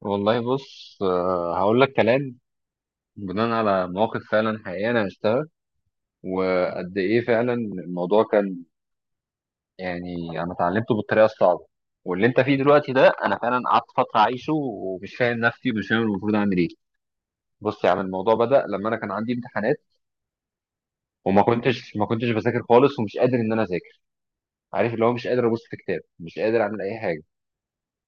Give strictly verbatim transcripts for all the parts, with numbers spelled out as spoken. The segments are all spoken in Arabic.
والله بص آه، هقول لك كلام بناء على مواقف فعلا حقيقية أنا عشتها وقد إيه فعلا الموضوع كان. يعني أنا اتعلمته بالطريقة الصعبة، واللي أنت فيه دلوقتي ده أنا فعلا قعدت فترة أعيشه ومش فاهم نفسي ومش فاهم المفروض أعمل إيه. بص يا عم، الموضوع بدأ لما أنا كان عندي امتحانات وما كنتش ما كنتش بذاكر خالص ومش قادر إن أنا أذاكر، عارف اللي هو مش قادر أبص في كتاب مش قادر أعمل أي حاجة.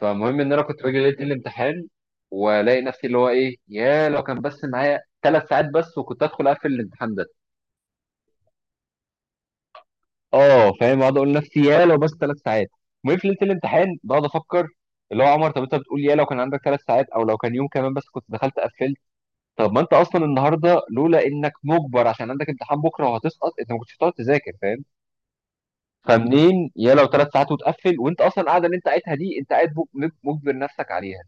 فالمهم ان انا كنت باجي ليله الامتحان والاقي نفسي اللي هو ايه، يا لو كان بس معايا ثلاث ساعات بس وكنت ادخل اقفل الامتحان ده. اه فاهم، اقعد اقول لنفسي يا لو بس ثلاث ساعات. المهم في ليله الامتحان بقعد افكر اللي هو عمر، طب انت بتقول يا لو كان عندك ثلاث ساعات او لو كان يوم كمان بس كنت دخلت قفلت، طب ما انت اصلا النهارده لولا انك مجبر عشان عندك امتحان بكره وهتسقط انت ما كنتش هتقعد تذاكر فاهم؟ فمنين يا لو ثلاث ساعات وتقفل وانت اصلا القعده اللي انت قاعدها دي انت قاعد مج- مجبر نفسك عليها.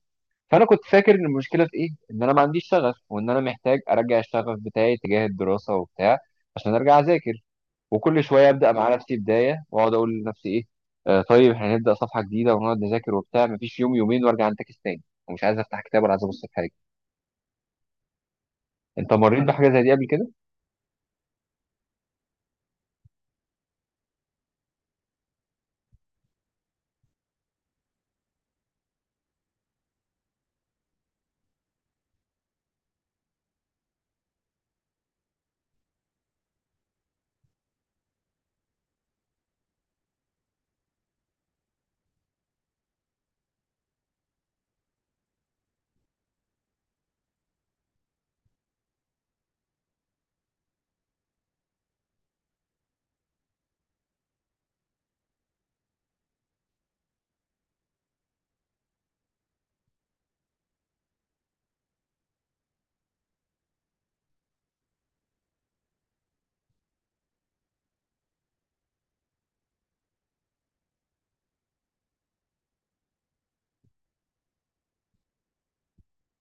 فانا كنت فاكر ان المشكله في ايه، ان انا ما عنديش شغف وان انا محتاج ارجع الشغف بتاعي تجاه الدراسه وبتاع عشان ارجع اذاكر، وكل شويه ابدا مع نفسي بدايه واقعد اقول لنفسي ايه، آه طيب احنا هنبدا صفحه جديده ونقعد نذاكر وبتاع، مفيش يوم يومين وارجع انتكس تاني ومش عايز افتح كتاب ولا عايز ابص في حاجه. انت مريت بحاجه زي دي قبل كده؟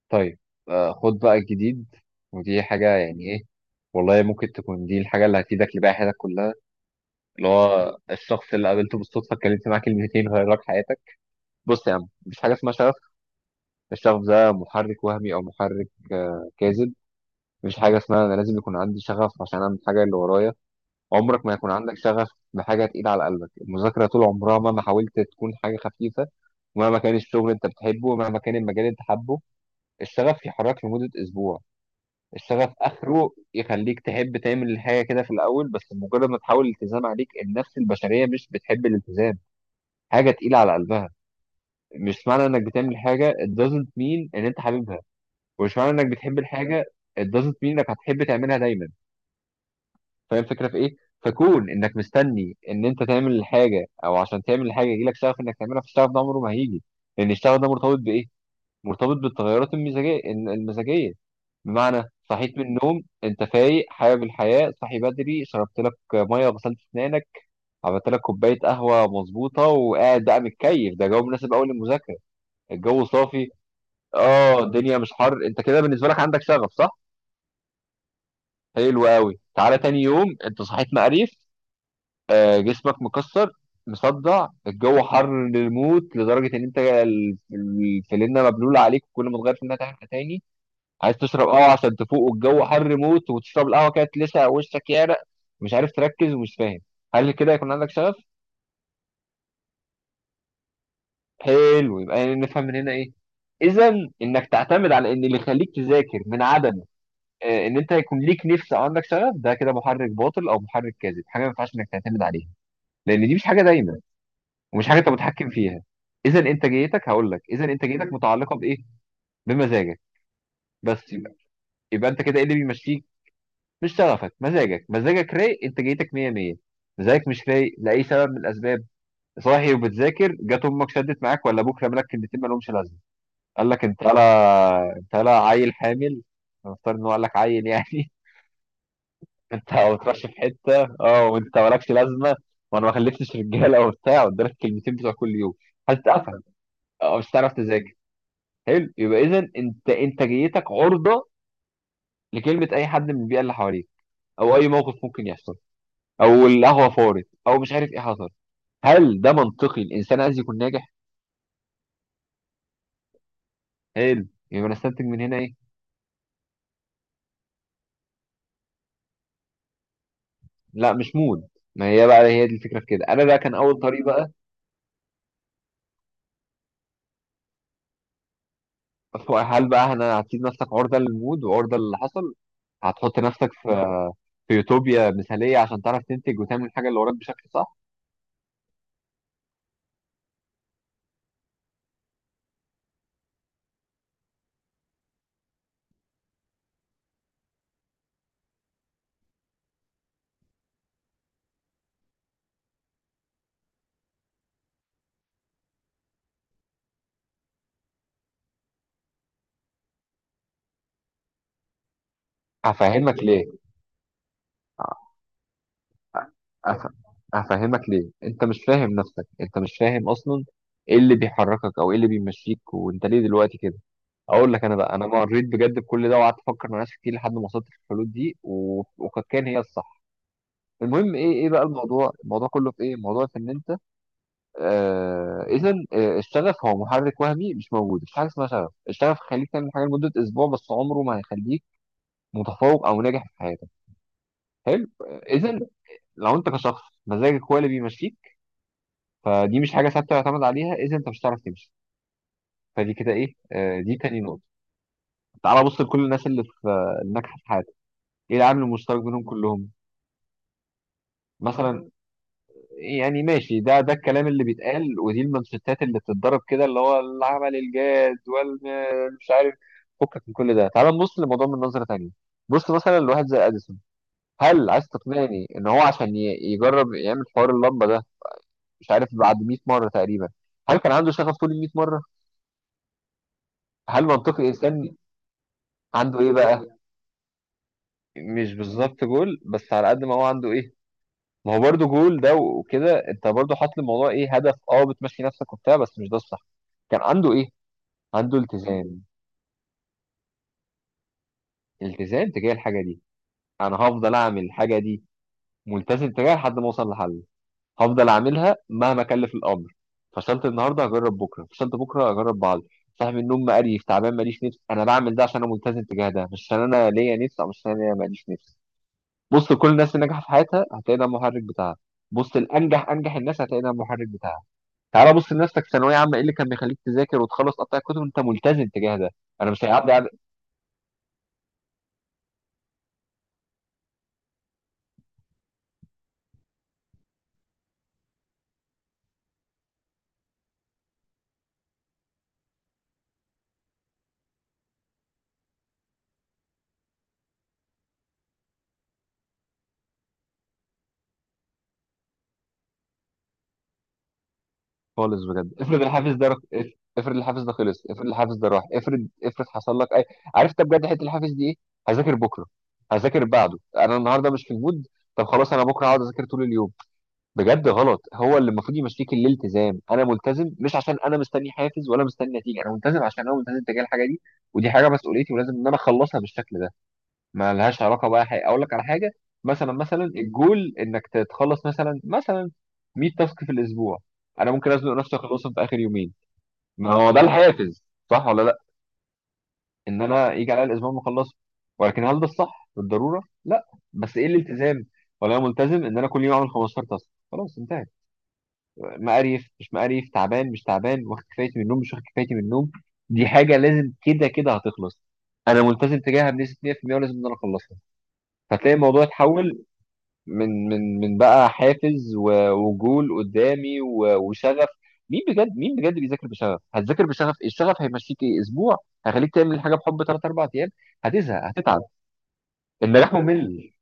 طيب آه خد بقى الجديد، ودي حاجه يعني ايه، والله ممكن تكون دي الحاجه اللي هتفيدك لباقي حياتك كلها. اللي هو الشخص اللي قابلته بالصدفه اتكلمت معاه كلمتين غير لك حياتك. بص يا عم، مفيش حاجه اسمها شغف. الشغف ده محرك وهمي او محرك آه، كاذب. مفيش حاجه اسمها انا لازم يكون عندي شغف عشان اعمل الحاجه اللي ورايا. عمرك ما يكون عندك شغف بحاجه تقيله على قلبك، المذاكره طول عمرها مهما حاولت تكون حاجه خفيفه، ومهما كان الشغل اللي انت بتحبه ومهما كان المجال اللي انت حابه، الشغف يحرك لمده اسبوع. الشغف اخره يخليك تحب تعمل الحاجه كده في الاول، بس مجرد ما تحاول الالتزام عليك، النفس البشريه مش بتحب الالتزام، حاجه تقيله على قلبها. مش معنى انك بتعمل حاجه it doesn't mean ان انت حاببها، ومش معنى انك بتحب الحاجه it doesn't mean انك هتحب تعملها دايما. فاهم الفكره في ايه؟ فكون انك مستني ان انت تعمل الحاجه او عشان تعمل الحاجه يجيلك شغف انك تعملها، فالشغف ده عمره ما هيجي، لان الشغف ده مرتبط بايه؟ مرتبط بالتغيرات المزاجيه المزاجيه. بمعنى، صحيت من النوم انت فايق حابب الحياه، صحي بدري، شربت لك ميه وغسلت اسنانك، عملت لك كوبايه قهوه مظبوطه وقاعد بقى متكيف، ده جو مناسب قوي للمذاكره، الجو صافي، اه الدنيا مش حر. انت كده بالنسبه لك عندك شغف صح؟ حلو قوي. تعالى تاني يوم، انت صحيت مقريف، آه، جسمك مكسر مصدع، الجو حر للموت لدرجه ان انت ال- الفلينة مبلوله عليك وكل ما تغير فينها تحت تاني، عايز تشرب قهوه عشان تفوق والجو حر موت، وتشرب القهوه كده تلسع وشك، يعرق، مش عارف تركز ومش فاهم. هل كده يكون عندك شغف؟ حلو، يبقى نفهم من هنا ايه؟ اذا، انك تعتمد على ان اللي يخليك تذاكر من عدم آه، ان انت يكون ليك نفس او عندك شغف، ده كده محرك باطل او محرك كاذب، حاجه ما ينفعش انك تعتمد عليها، لان دي مش حاجه دايمه ومش حاجه انت متحكم فيها. اذا انتاجيتك، هقول لك اذا انتاجيتك متعلقه بايه؟ بمزاجك. بس يبقى، يبقى انت كده ايه اللي بيمشيك؟ مش شغفك، مزاجك. مزاجك رايق، انتاجيتك مية مية. مزاجك مش رايق لاي سبب من الاسباب، صاحي وبتذاكر، جت امك شدت معاك ولا ابوك رمى لك كلمتين ما لهمش لازمه، قال لك انت لا انت لا عيل حامل، نفترض ان هو قال لك عيل يعني انت ما بتروحش في حته اه وانت مالكش لازمه، وانا ما خلفتش رجاله وبتاع، قدامك كلمتين بتوع كل يوم، هتتقفل او مش هتعرف تذاكر. حلو، يبقى اذا انت انتاجيتك عرضه لكلمه اي حد من البيئه اللي حواليك، او اي موقف ممكن يحصل، او القهوه فارت او مش عارف ايه حصل. هل ده منطقي الانسان عايز يكون ناجح؟ حلو، يبقى انا استنتج من هنا ايه؟ لا مش مود. ما هي بقى، هي دي الفكره في كده، انا بقى كان اول طريق بقى. هل بقى انا هتسيب نفسك عرضه للمود وعرضه للي حصل؟ هتحط نفسك في في يوتوبيا مثاليه عشان تعرف تنتج وتعمل الحاجه اللي وراك بشكل صح؟ هفهمك ليه. أف... افهمك ليه انت مش فاهم نفسك، انت مش فاهم اصلا ايه اللي بيحركك او ايه اللي بيمشيك، وانت ليه دلوقتي كده. اقول لك، انا بقى انا مريت بجد بكل ده وقعدت افكر مع ناس كتير لحد ما وصلت للحلول دي و... وقد كان هي الصح. المهم ايه، ايه بقى الموضوع؟ الموضوع كله في ايه؟ الموضوع في ان انت آه... اذا آه، الشغف هو محرك وهمي مش موجود، مفيش حاجه اسمها شغف، الشغف هيخليك تعمل حاجه لمده اسبوع بس، عمره ما هيخليك متفوق او ناجح في حياتك. حلو. اذا لو انت كشخص مزاجك هو اللي بيمشيك، فدي مش حاجه ثابته يعتمد عليها، اذا انت مش هتعرف تمشي. فدي كده ايه، آه، دي تاني نقطه. تعال بص لكل الناس اللي في آه، الناجحه في حياتك، ايه العامل المشترك بينهم كلهم؟ مثلا، يعني ماشي ده ده الكلام اللي بيتقال ودي المانشيتات اللي بتتضرب كده اللي هو العمل الجاد والمش عارف، فكك من كل ده، تعال نبص للموضوع من نظره تانيه. بص مثلا لواحد زي اديسون، هل عايز تقنعني ان هو عشان ي- يجرب يعمل حوار اللمبه ده، مش عارف بعد مئة مره تقريبا، هل كان عنده شغف طول ال مية مره؟ هل منطقي الانسان عنده ايه بقى؟ مش بالظبط جول، بس على قد ما هو عنده ايه. ما هو برضه جول ده، وكده انت برضه حاطط الموضوع ايه هدف اه، بتمشي نفسك وبتاع، بس مش ده الصح. كان عنده ايه؟ عنده التزام، التزام تجاه الحاجه دي، انا هفضل اعمل الحاجه دي ملتزم تجاهها لحد ما اوصل لحل، هفضل اعملها مهما كلف الامر، فشلت النهارده هجرب بكره، فشلت بكره هجرب بعد. صاحي من النوم مقريف تعبان ماليش نفس، انا بعمل ده عشان انا ملتزم تجاه ده، مش عشان انا ليا نفس او مش عشان انا ليا ماليش نفس. بص كل الناس اللي نجحت في حياتها هتلاقي ده المحرك بتاعها، بص الانجح انجح الناس هتلاقي ده المحرك بتاعها. تعالى بص لنفسك في ثانويه عامه، ايه اللي كان بيخليك تذاكر وتخلص قطع الكتب؟ انت ملتزم تجاه ده، انا مش هيعدي على خالص بجد. افرض الحافز ده رخ... اف- افرض الحافز ده خلص، افرض الحافز ده راح، افرض افرض حصل لك اي، عرفت بجد حته الحافز دي ايه؟ هذاكر بكره، هذاكر بعده، انا النهارده مش في المود، طب خلاص انا بكره هقعد اذاكر طول اليوم. بجد غلط، هو اللي المفروض يمشيك الالتزام، انا ملتزم مش عشان انا مستني حافز ولا مستني نتيجه، انا ملتزم عشان انا ملتزم تجاه الحاجه دي، ودي حاجه مسؤوليتي ولازم ان انا اخلصها بالشكل ده، ما لهاش علاقه بقى حاجه. اقول لك على حاجه، مثلا مثلا الجول انك تتخلص مثلا مثلا مية تاسك في الاسبوع، انا ممكن ازنق نفسي اخلصهم في اخر يومين، ما هو ده الحافز صح ولا لا، ان انا يجي عليا الاسبوع ما اخلصه، ولكن هل ده الصح بالضروره؟ لا. بس ايه الالتزام؟ ولا انا ملتزم ان انا كل يوم اعمل خمستاشر تاسك خلاص انتهى، مقريف مش مقريف، تعبان مش تعبان، واخد كفايتي من النوم مش واخد كفايتي من النوم، دي حاجه لازم كده كده هتخلص، انا ملتزم تجاهها بنسبه مية في المية ولازم ان انا اخلصها. فتلاقي الموضوع اتحول من من من بقى حافز و- وجول قدامي و- وشغف. مين بجد، مين بجد بيذاكر بشغف؟ هتذاكر بشغف إيه؟ الشغف هيمشيك ايه اسبوع، هيخليك تعمل الحاجه بحب تلات أربعة ايام، هتزهق هتتعب. النجاح ممل.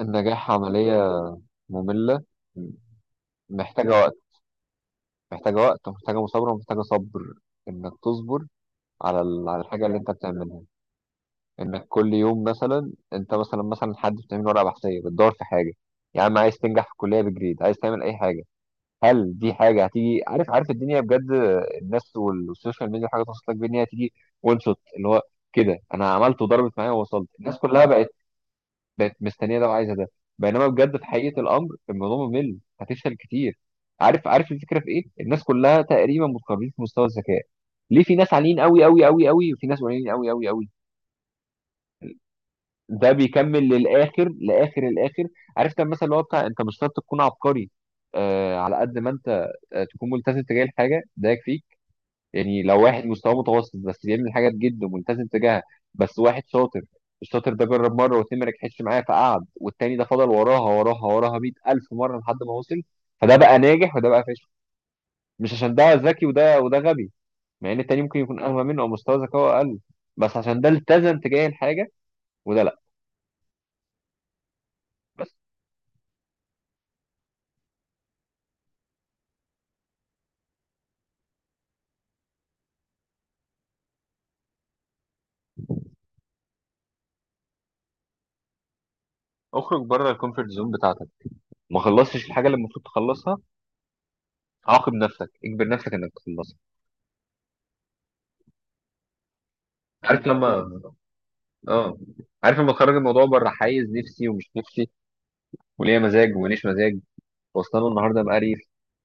النجاح عمليه ممله، محتاجه وقت، محتاجه وقت ومحتاجه مثابره ومحتاجه صبر، انك تصبر على ال- على الحاجه اللي انت بتعملها، انك كل يوم مثلا، انت مثلا مثلا حد بتعمل ورقه بحثيه بتدور في حاجه، يا عم عايز تنجح في الكليه بجريد، عايز تعمل اي حاجه، هل دي حاجه هتيجي؟ عارف، عارف الدنيا بجد، الناس وال- والسوشيال ميديا حاجه توصل لك بان هي هتيجي، وان شوت اللي هو كده انا عملت وضربت معايا ووصلت الناس كلها بقت، بقت مستنيه ده وعايزه ده، بينما بجد في حقيقه الامر الموضوع ممل، هتفشل كتير. عارف، عارف الفكره في ايه؟ الناس كلها تقريبا متقاربين في مستوى الذكاء، ليه في ناس عاليين قوي قوي قوي قوي وفي ناس قليلين قوي قوي قوي؟ ده بيكمل للاخر لاخر الاخر، عارف، كان مثلا اللي هو بتاع انت مش شرط تكون عبقري، آه على قد ما انت آه تكون ملتزم تجاه الحاجه ده يكفيك. يعني لو واحد مستواه متوسط بس بيعمل حاجات جدا ملتزم تجاهها، بس واحد شاطر، الشاطر ده جرب مره واتنين ما نجحتش معاه فقعد، والتاني ده فضل وراها وراها وراها مية الف مره لحد ما وصل، فده بقى ناجح وده بقى فاشل، مش عشان ده ذكي وده وده غبي، مع ان التاني ممكن يكون اغبى منه او مستوى ذكائه اقل، بس عشان ده التزم تجاه الحاجه وده لا. بس اخرج بره الكومفورت زون بتاعتك، ما خلصتش الحاجه اللي المفروض تخلصها، عاقب نفسك، اجبر نفسك انك تخلصها. عارف لما، اه، عارف لما تخرج الموضوع بره حيز نفسي ومش نفسي وليا مزاج وماليش مزاج، واصلا النهارده مقريف،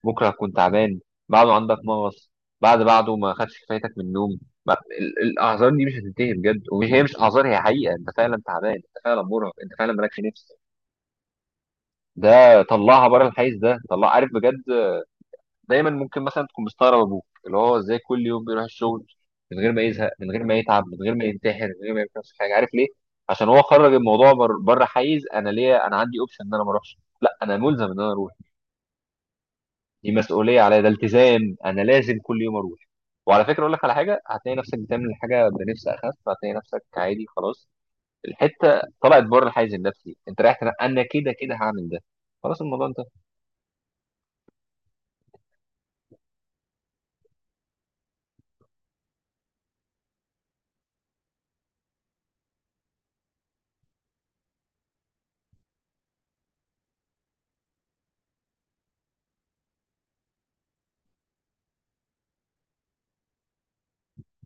بكره هتكون تعبان، بعده عندك مغص، بعد بعده ما خدش كفايتك من النوم، ما- ال- الاعذار دي مش هتنتهي بجد، ومش هي مش اعذار، هي حقيقه، انت فعلا تعبان انت فعلا مرهق انت فعلا مالكش نفس، ده طلعها بره الحيز ده، طلع، عارف بجد. دايما ممكن مثلا تكون مستغرب ابوك اللي هو ازاي كل يوم بيروح الشغل من غير ما يزهق من غير ما يتعب من غير ما ينتحر من غير ما يعمل نفس حاجه، عارف ليه؟ عشان هو خرج الموضوع بر- بره حيز انا ليه، انا عندي اوبشن ان انا ما اروحش، لا انا ملزم ان انا اروح، دي مسؤوليه عليا، ده التزام، انا لازم كل يوم اروح. وعلى فكره، اقول لك على حاجه، هتلاقي نفسك بتعمل حاجه بنفس اخف، هتلاقي نفسك عادي خلاص، الحته طلعت بره الحيز النفسي، انت رايح تنا- انا كده كده هعمل ده، خلاص الموضوع انت.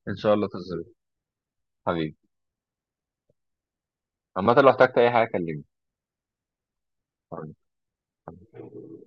ان شاء الله تظبط. حبيبي، عامه لو احتجت اي حاجه كلمني.